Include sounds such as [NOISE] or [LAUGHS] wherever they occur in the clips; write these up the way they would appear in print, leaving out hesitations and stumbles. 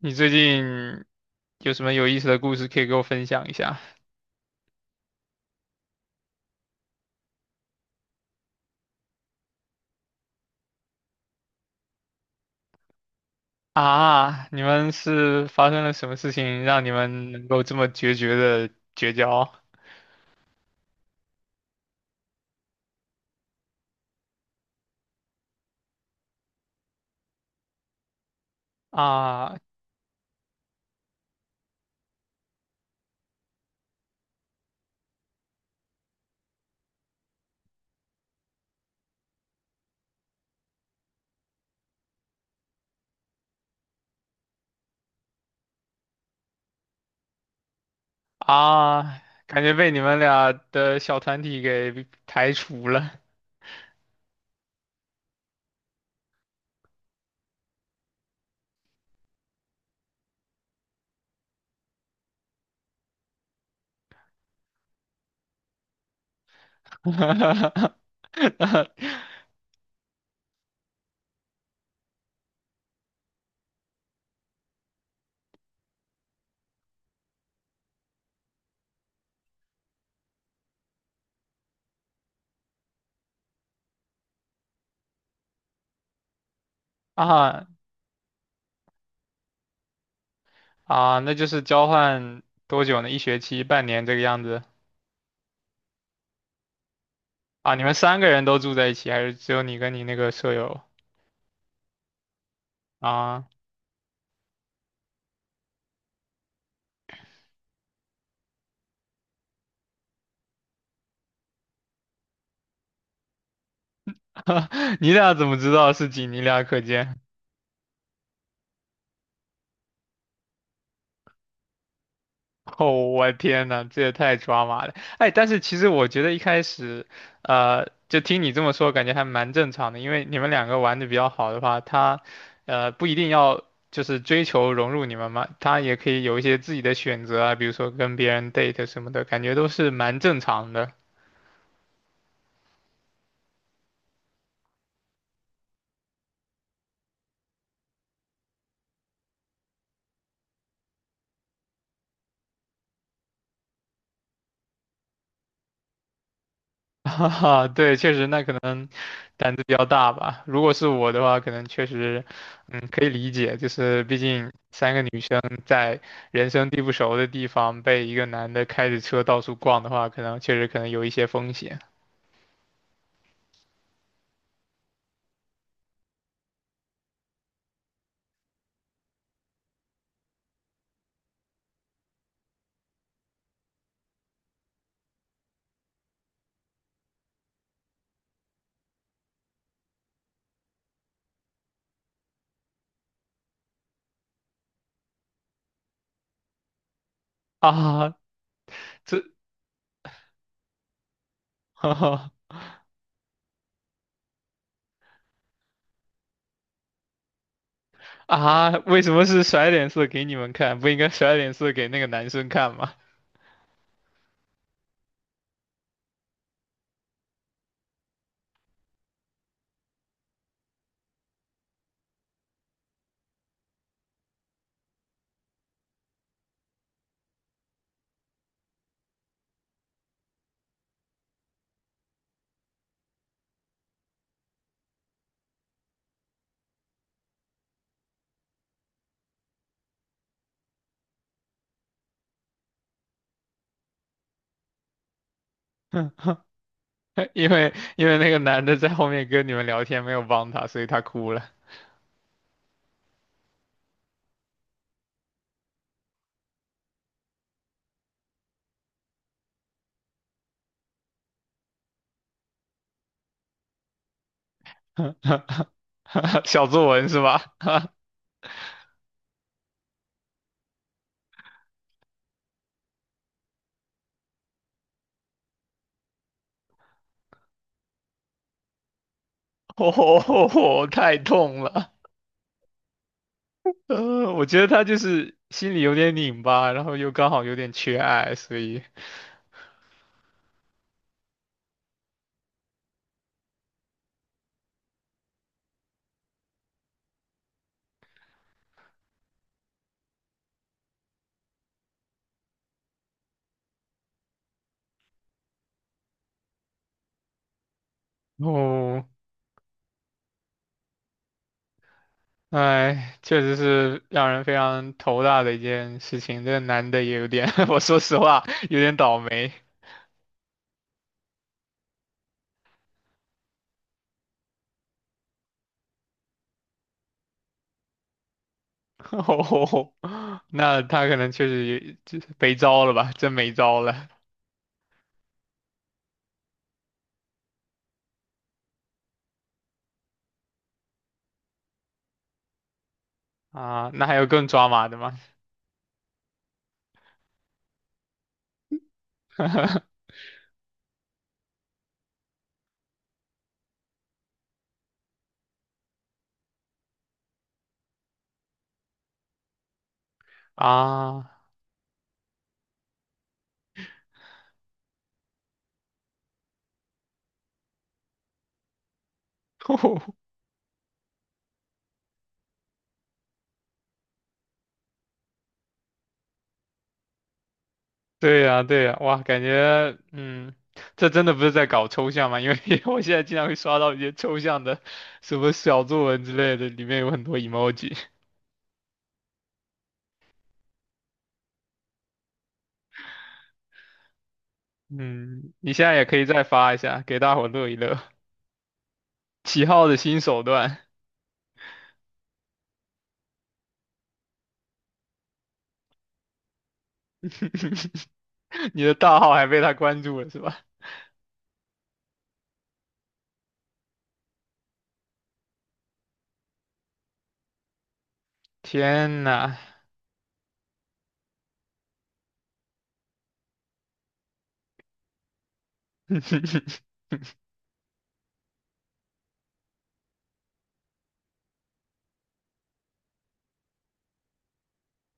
你最近有什么有意思的故事可以给我分享一下？啊，你们是发生了什么事情让你们能够这么决绝的绝交？啊啊，感觉被你们俩的小团体给排除了。[LAUGHS] 啊啊，那就是交换多久呢？一学期、半年这个样子？啊，你们三个人都住在一起，还是只有你跟你那个舍友？啊，[LAUGHS] 你俩怎么知道是仅你俩可见？[LAUGHS] 哦，我天呐，这也太抓马了！哎，但是其实我觉得一开始，就听你这么说，感觉还蛮正常的，因为你们两个玩的比较好的话，他，不一定要就是追求融入你们嘛，他也可以有一些自己的选择啊，比如说跟别人 date 什么的，感觉都是蛮正常的。[LAUGHS] 哈哈，对，确实，那可能胆子比较大吧。如果是我的话，可能确实，嗯，可以理解，就是毕竟三个女生在人生地不熟的地方被一个男的开着车到处逛的话，可能确实可能有一些风险 [LAUGHS] 啊。这，[LAUGHS] 哈哈啊，为什么是甩脸色给你们看？不应该甩脸色给那个男生看吗？[LAUGHS] 因为那个男的在后面跟你们聊天，没有帮他，所以他哭了。[LAUGHS] 小作文是吧？[LAUGHS] 哦，太痛了。我觉得他就是心里有点拧巴，然后又刚好有点缺爱，所以，哦，哎，确实是让人非常头大的一件事情。这个男的也有点，[LAUGHS] 我说实话，有点倒霉。[LAUGHS] 哦，那他可能确实也就是没招了吧，真没招了啊。那还有更抓马的吗？[LAUGHS] 啊，[LAUGHS] 对呀，对呀，哇，感觉，嗯，这真的不是在搞抽象吗？因为 [LAUGHS] 我现在经常会刷到一些抽象的，什么小作文之类的，里面有很多 emoji。嗯，你现在也可以再发一下，给大伙乐一乐。起号的新手段，[LAUGHS] 你的大号还被他关注了是吧？天呐，[LAUGHS]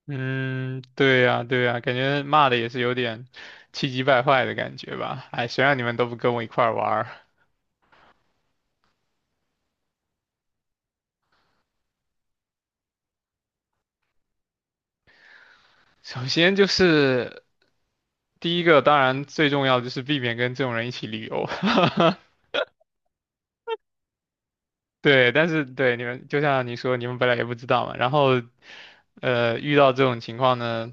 嗯，对呀，对呀，感觉骂的也是有点气急败坏的感觉吧。哎，谁让你们都不跟我一块儿玩儿首先就是第一个当然最重要的就是避免跟这种人一起旅游，[LAUGHS] 对，但是对你们就像你说，你们本来也不知道嘛，然后遇到这种情况呢，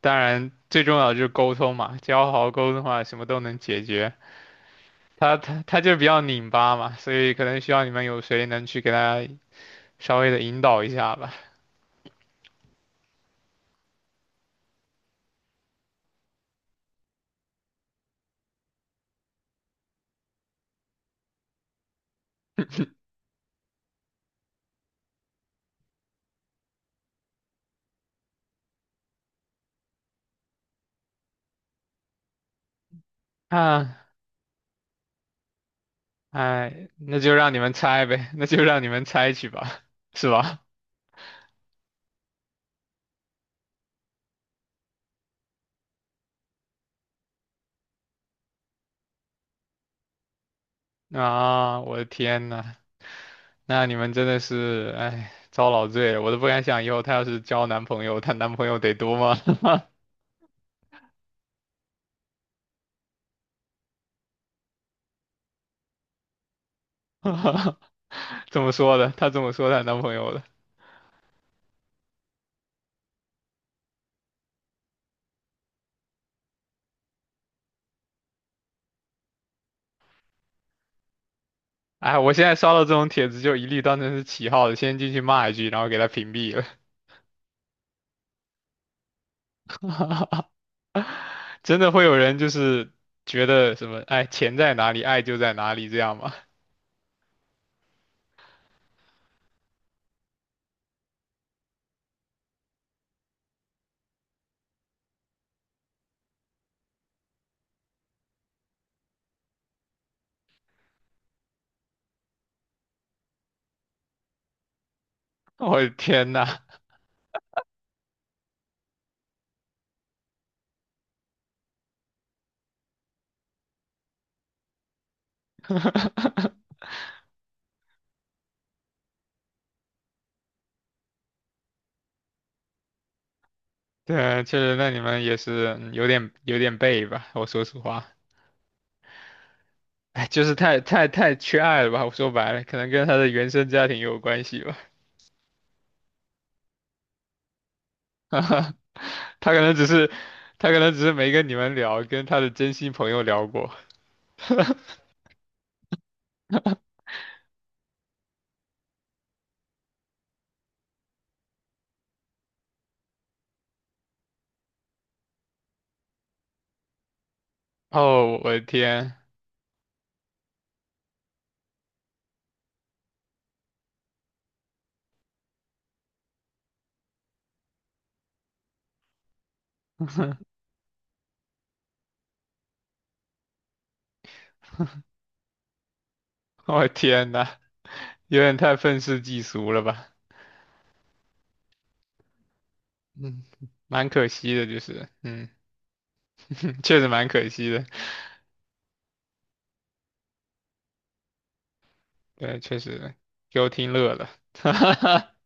当然最重要的就是沟通嘛，只要好好沟通的话，什么都能解决。他就是比较拧巴嘛，所以可能需要你们有谁能去给他稍微的引导一下吧。啊，哎，那就让你们猜呗，那就让你们猜去吧，是吧？啊，我的天呐！那你们真的是，哎，遭老罪了，我都不敢想以后她要是交男朋友，她男朋友得多吗？[LAUGHS] 这么说的，她这么说她男朋友的。哎，我现在刷到这种帖子就一律当成是起号的，先进去骂一句，然后给她屏蔽了。[LAUGHS] 真的会有人就是觉得什么，哎，钱在哪里，爱就在哪里，这样吗？[LAUGHS] 我的天呐，对，确实，那你们也是嗯有点背吧？我说实话，[LAUGHS] 哎，就是太太太缺爱了吧？我说白了，可能跟她的原生家庭有关系吧。[LAUGHS] 他可能只是，他可能只是没跟你们聊，跟他的真心朋友聊过。哦，我的天，[LAUGHS] 我的天呐，有点太愤世嫉俗了吧？嗯，[LAUGHS] 蛮可惜的，就是，嗯，[LAUGHS] 确实蛮可惜的。对，确实给我听乐了。[LAUGHS]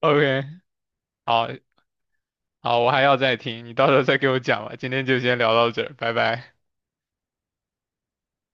OK，好，好，我还要再听，你到时候再给我讲吧。今天就先聊到这儿，拜拜。